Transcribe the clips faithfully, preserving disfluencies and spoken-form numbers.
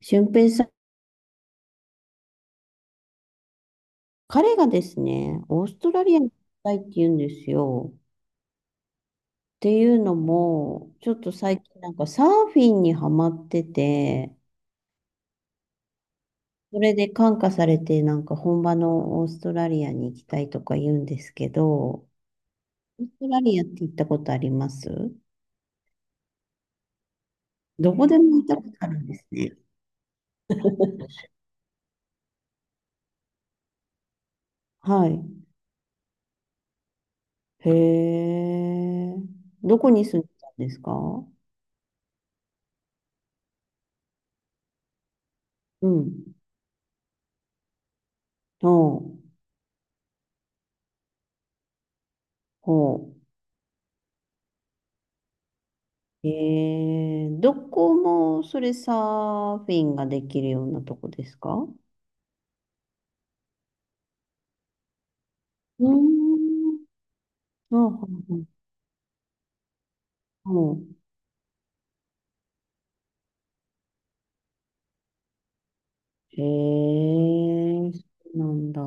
俊平さん、彼がですね、オーストラリアに行きたいって言うんですよ。っていうのも、ちょっと最近なんかサーフィンにハマってて、それで感化されてなんか本場のオーストラリアに行きたいとか言うんですけど、オーストラリアって行ったことあります？どこでも行ったことあるんですね。はい。へえ。どこに住んでたんですか？うん。ほう。ほう。えー、どこもそれサーフィンができるようなとこですか？うーん。あ、はははえー、そうなんだ。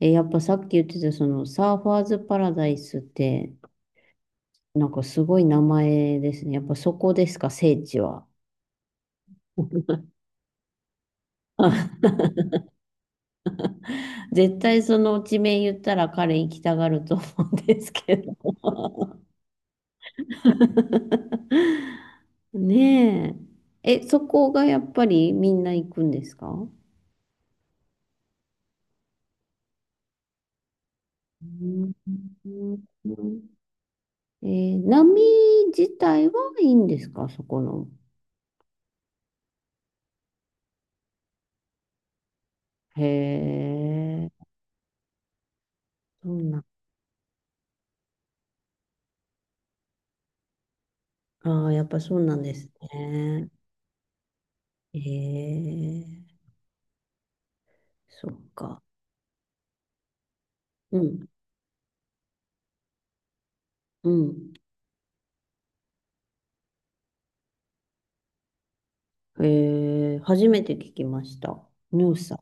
え、やっぱさっき言ってたそのサーファーズパラダイスって、なんかすごい名前ですね。やっぱそこですか、聖地は。絶対その地名言ったら彼行きたがると思うんですけど。ねえ。え、そこがやっぱりみんな行くんですか？うん。えー波自体はいいんですかそこの。へえ、そうなん、ああ、やっぱそうなんですね。へえ、そっか。うん、うん。へえ、初めて聞きました。ニューサ。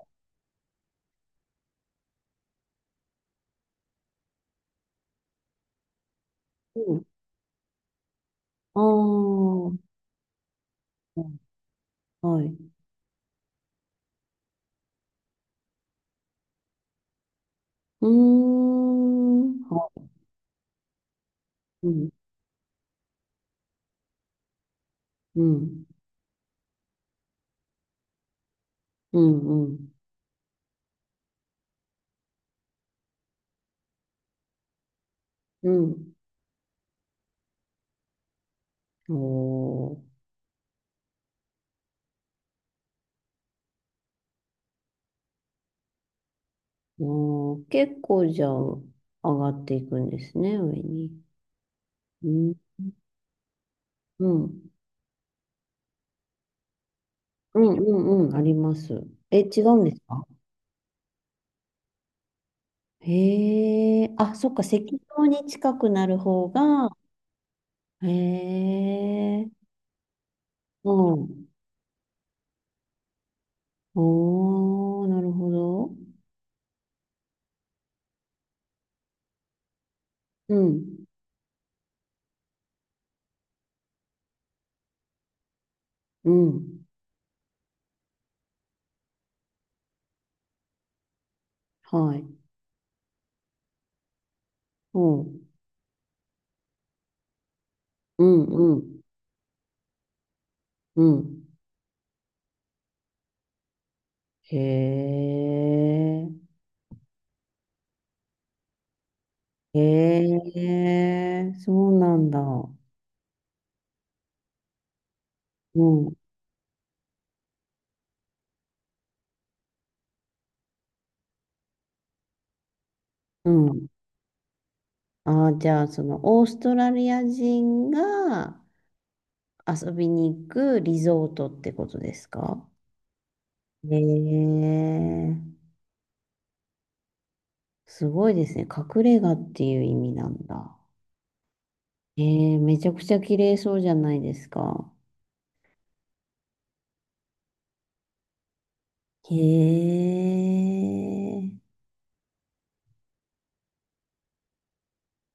うん。ああ、はい。うーん。はうん、うん、うん、うん。うん。おー、おー、結構じゃあ上がっていくんですね、上に。うん。うん。うんうんうん、あります。え、違うんですか？へえ、あ、そっか、赤道に近くなる方が、へえ、うん。おー、なるほど。うん、うん、はい。うん、うん、うん、うん。へえ。へえ、そうなんだ。うん、うん。ああ、じゃあ、その、オーストラリア人が遊びに行くリゾートってことですか？へえ、すごいですね。隠れ家っていう意味なんだ。へえ、めちゃくちゃ綺麗そうじゃないですか。へえ、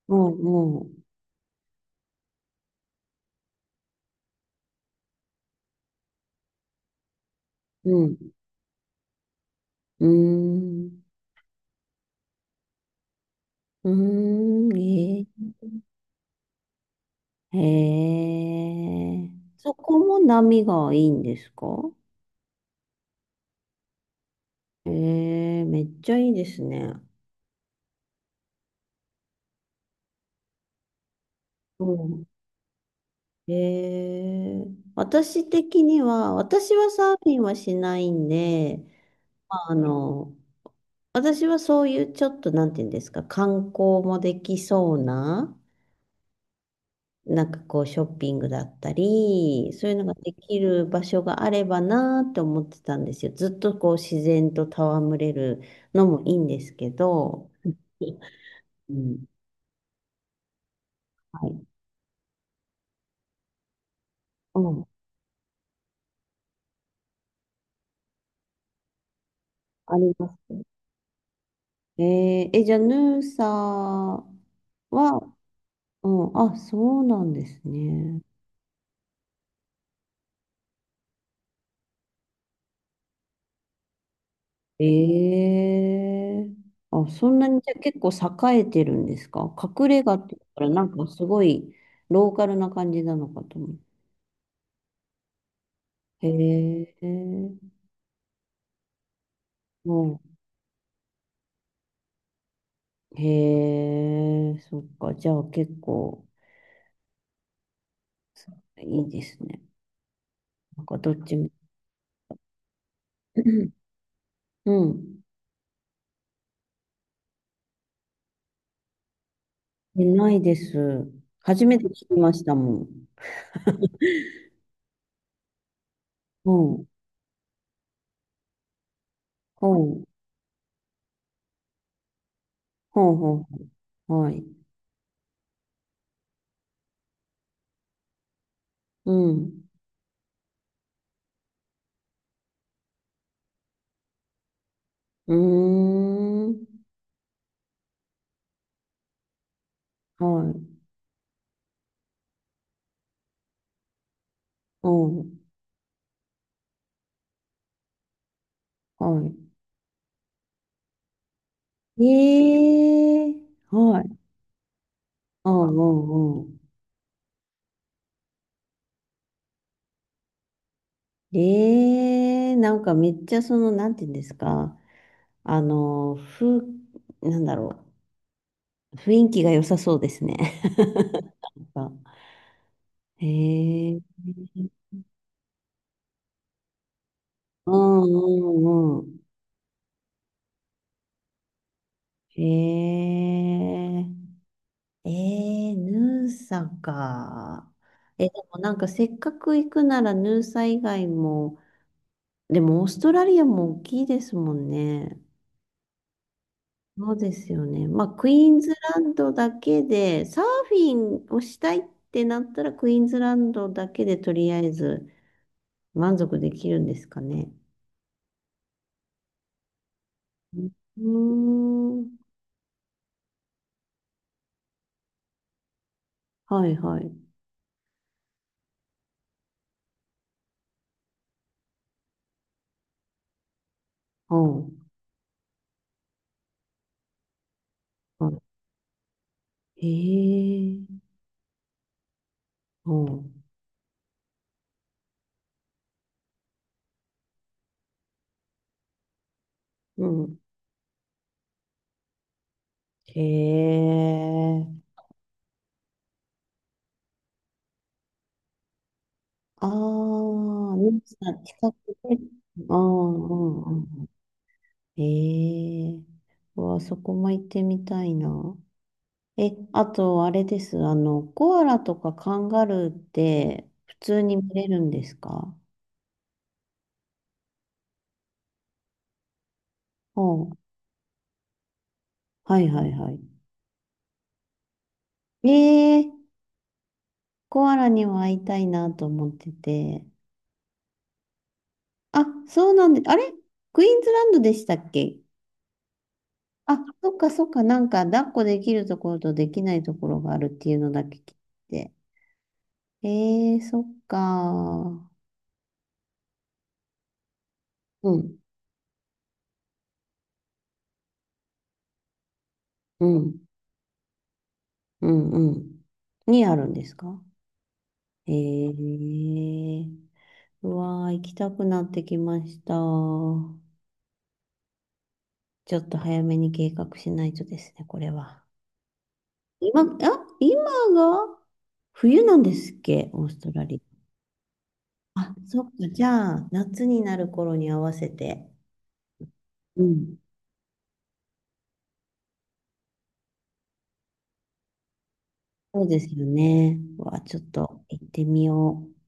もう、もう、うん、うーん、うーん、へえ。へえ。そこも波がいいんですか？へえ、めっちゃいいですね。うん。へえ。私的には、私はサーフィンはしないんで、まああの、私はそういうちょっと、なんていうんですか、観光もできそうな、なんかこうショッピングだったり、そういうのができる場所があればなーって思ってたんですよ。ずっとこう自然と戯れるのもいいんですけど。うん。はい。うん。ありますね。えー、え、じゃあ、ヌーサは、うん、あ、そうなんですね。ええ、あ、そんなにじゃあ結構栄えてるんですか？隠れ家って言ったらなんかすごいローカルな感じなのかと思う。へえ、もう、へえ、そっか、じゃあ結構いいですね。なんかどっちも。うん。えないです。初めて聞きましたもん。うん。ほう。ほうほう。ほうはい。うん。うーん。はい。うん。はい。ええー、はい。うんうんうん。ええー、なんかめっちゃその、なんていうんですか。あの、ふ、なんだろう。雰囲気が良さそうですね。なんか、へえ。うんうんうん。へえ。えー、ヌーサか。え、でもなんかせっかく行くならヌーサ以外も、でもオーストラリアも大きいですもんね。そうですよね。まあ、クイーンズランドだけで、サーフィンをしたいってなったら、クイーンズランドだけでとりあえず満足できるんですかね。うーん。はいはい。うん。へえ。うん。うん。へえ。ああ、皆さん近くで。ああ、うんうん。へえ。うわ、そこも行ってみたいな。え、あと、あれです。あの、コアラとかカンガルーって普通に見れるんですか？うん。はいはいはい。ええ、コアラには会いたいなと思ってて。あ、そうなんで、あれ、クイーンズランドでしたっけ？あ、そっかそっか、なんか抱っこできるところとできないところがあるっていうのだけ聞いて。えー、そっか。うん、うん、うん、うん。にあるんですか？えー、うわー、行きたくなってきました。ちょっと早めに計画しないとですね、これは。今、あ、今が冬なんですっけ、オーストラリア。あ、そっか、じゃあ、夏になる頃に合わせて。うん。そうですよね。うわ、ちょっと行ってみよう。